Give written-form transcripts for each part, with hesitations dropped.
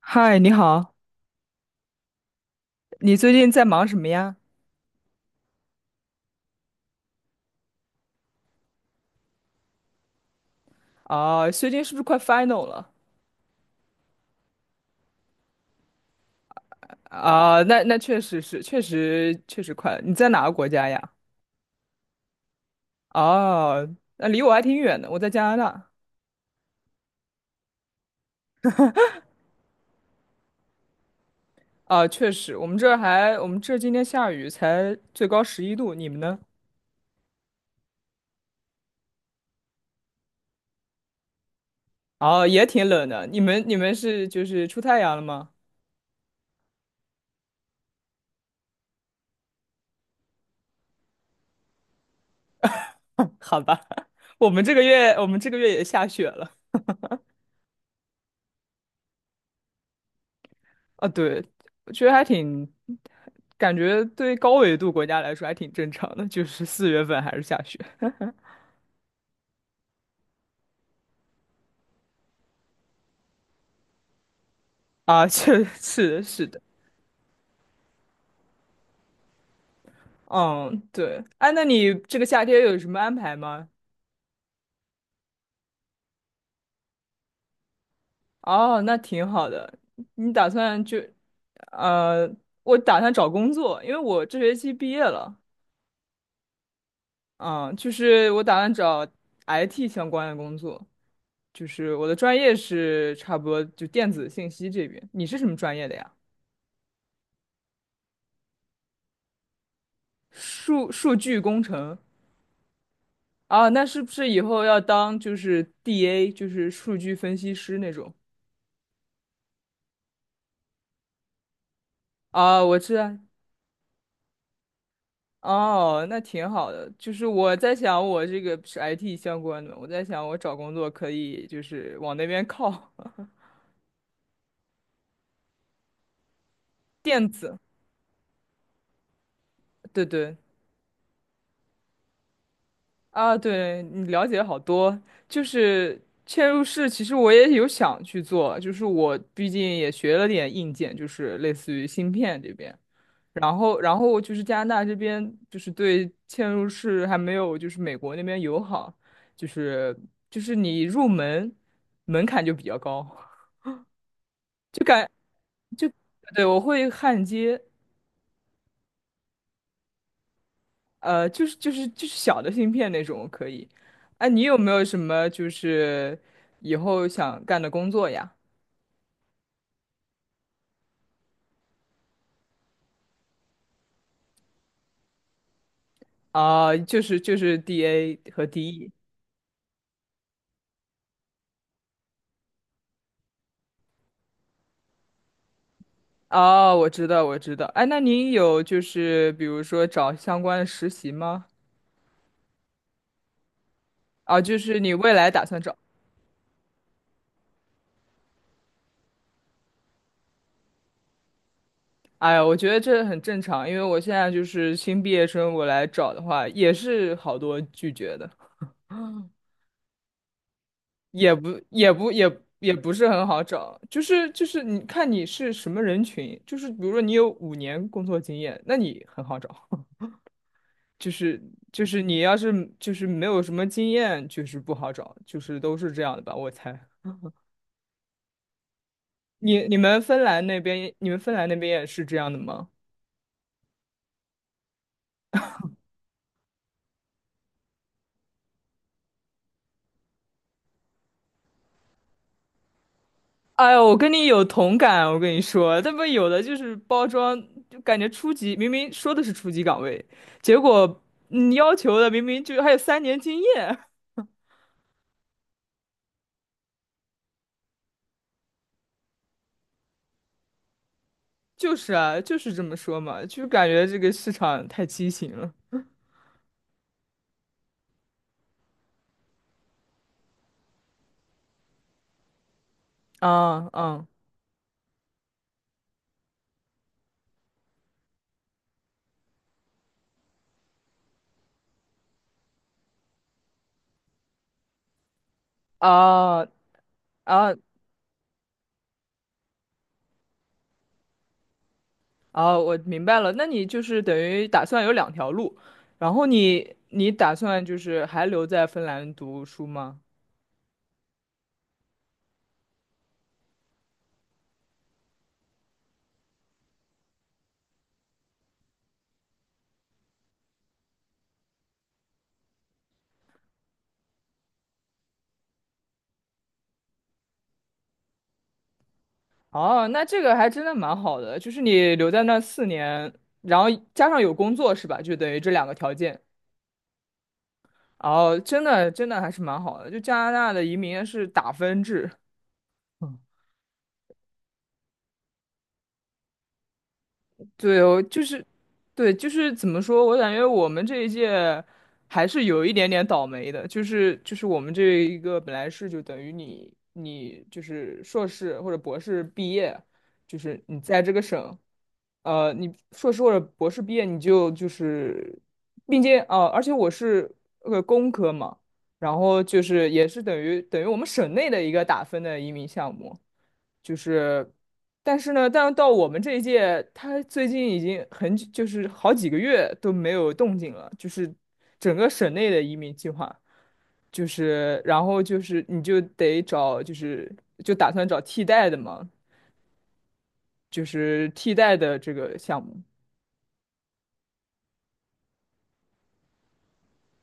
嗨，你好，你最近在忙什么呀？啊，最近是不是快 final 了？啊，那确实是，确实确实快了。你在哪个国家呀？哦，那离我还挺远的，我在加拿大。啊，确实，我们这儿今天下雨，才最高11度，你们呢？哦，也挺冷的。你们是就是出太阳了吗？好吧，我们这个月也下雪了。啊，对，我觉得还挺，感觉对高纬度国家来说还挺正常的，就是四月份还是下雪啊，是的，是的，嗯，对，哎，那你这个夏天有什么安排吗？哦，那挺好的，你打算就呃，我打算找工作，因为我这学期毕业了，嗯，就是我打算找 IT 相关的工作，就是我的专业是差不多就电子信息这边，你是什么专业的呀？数据工程。啊，那是不是以后要当就是 DA，就是数据分析师那种？啊，我知道。哦，那挺好的。就是我在想，我这个是 IT 相关的，我在想我找工作可以就是往那边靠。电子，对对啊，对你了解好多。就是嵌入式，其实我也有想去做，就是我毕竟也学了点硬件，就是类似于芯片这边。然后就是加拿大这边就是对嵌入式还没有就是美国那边友好，就是就是你入门门槛就比较高。对，我会焊接，就是小的芯片那种可以。哎、你有没有什么就是以后想干的工作呀？啊、就是 DA 和 DE。哦，我知道，我知道。哎，那您有就是比如说找相关的实习吗？啊，就是你未来打算找？哎呀，我觉得这很正常，因为我现在就是新毕业生，我来找的话也是好多拒绝的，也不是很好找，就是你看你是什么人群，就是比如说你有5年工作经验，那你很好找，就是就是你要是就是没有什么经验，就是不好找，就是都是这样的吧，我猜。你们芬兰那边也是这样的吗？哎呦，我跟你有同感，我跟你说，他们有的就是包装，就感觉初级，明明说的是初级岗位，结果你要求的明明就还有3年经验，就是啊，就是这么说嘛，就感觉这个市场太畸形了。啊啊啊啊啊！我明白了，那你就是等于打算有两条路，然后你打算就是还留在芬兰读书吗？哦，那这个还真的蛮好的，就是你留在那4年，然后加上有工作是吧？就等于这两个条件。哦，真的真的还是蛮好的，就加拿大的移民是打分制。对，哦，就是，对，就是怎么说？我感觉我们这一届还是有一点点倒霉的，就是我们这一个本来是就等于你就是硕士或者博士毕业，就是你在这个省，你硕士或者博士毕业，你就就是，并且而且我是工科嘛，然后就是也是等于我们省内的一个打分的移民项目，就是，但是呢，但到我们这一届，他最近已经很久就是好几个月都没有动静了，就是整个省内的移民计划，就是然后就是你就得找就是就打算找替代的嘛，就是替代的这个项目，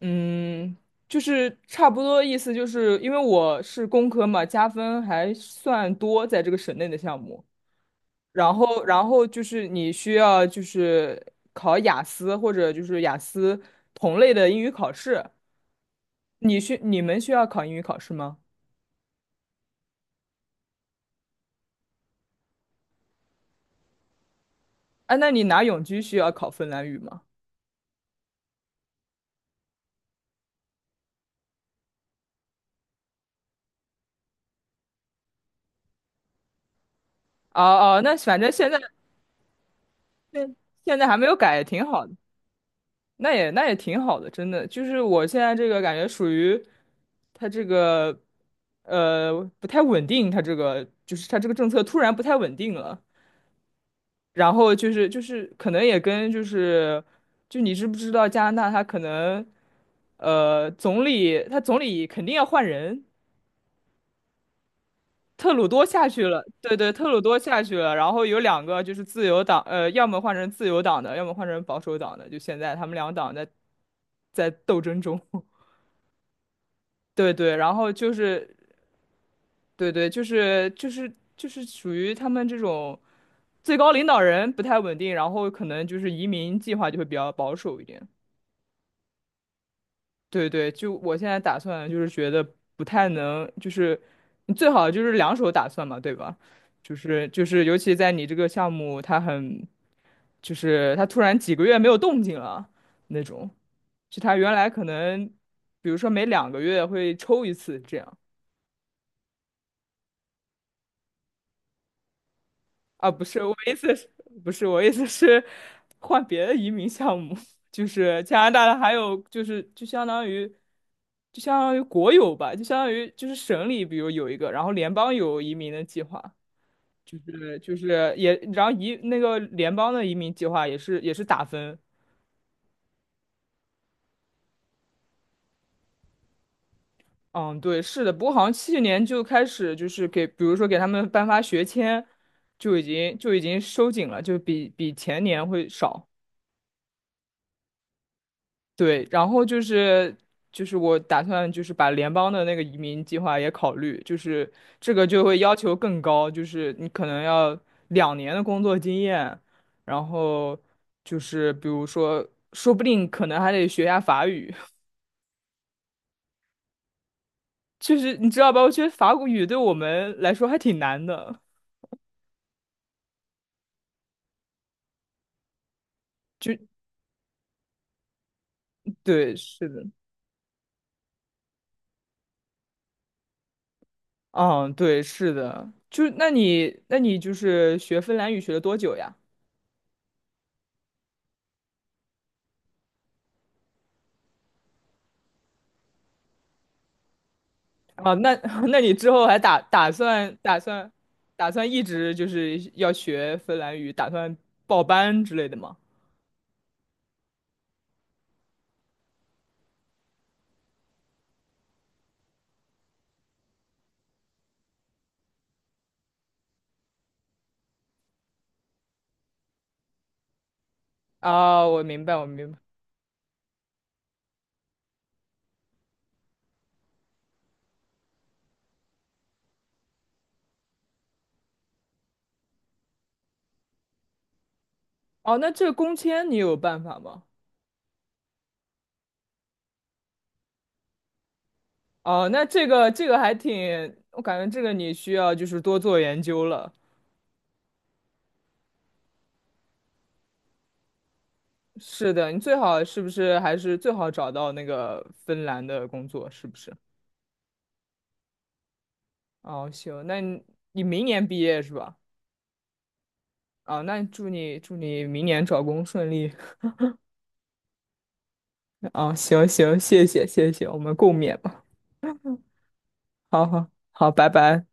嗯。就是差不多意思，就是因为我是工科嘛，加分还算多，在这个省内的项目，然后就是你需要就是考雅思或者就是雅思同类的英语考试。你们需要考英语考试吗？啊，那你拿永居需要考芬兰语吗？哦哦，那反正现现在还没有改，也挺好的。那也挺好的，真的。就是我现在这个感觉属于它这个不太稳定，它这个就是它这个政策突然不太稳定了。然后就是可能也跟就是你知不知道加拿大他可能总理肯定要换人，特鲁多下去了，对对，特鲁多下去了，然后有两个就是自由党，要么换成自由党的，要么换成保守党的，就现在他们两党在斗争中，对对，然后就是对对，就是属于他们这种最高领导人不太稳定，然后可能就是移民计划就会比较保守一点。对对，就我现在打算就是觉得不太能，就是你最好就是两手打算嘛，对吧？就是，尤其在你这个项目，它很就是它突然几个月没有动静了那种，就它原来可能，比如说每2个月会抽一次这样。啊，不是，我意思是，不是，我意思是换别的移民项目，就是加拿大的，还有就是就相当于国有吧，就相当于就是省里，比如有一个，然后联邦有移民的计划，就是也，然后那个联邦的移民计划也是打分。嗯，对，是的，不过好像去年就开始就是给，比如说给他们颁发学签，就已经收紧了，就比前年会少。对，然后就是我打算就是把联邦的那个移民计划也考虑，就是这个就会要求更高，就是你可能要2年的工作经验，然后就是比如说，说不定可能还得学一下法语，就是你知道吧？我觉得法语对我们来说还挺难的，就对，是的，嗯，对，是的，就那你就是学芬兰语学了多久呀？哦，那 那你之后还打算一直就是要学芬兰语，打算报班之类的吗？啊、我明白，我明白。哦，那这个工签你有办法吗？哦，那这个还挺，我感觉这个你需要就是多做研究了。是的，你最好是不是还是最好找到那个芬兰的工作，是不是？哦，行，那你明年毕业是吧？啊、那祝你明年找工顺利。哦，行行，谢谢谢谢，我们共勉吧。好好好，拜拜。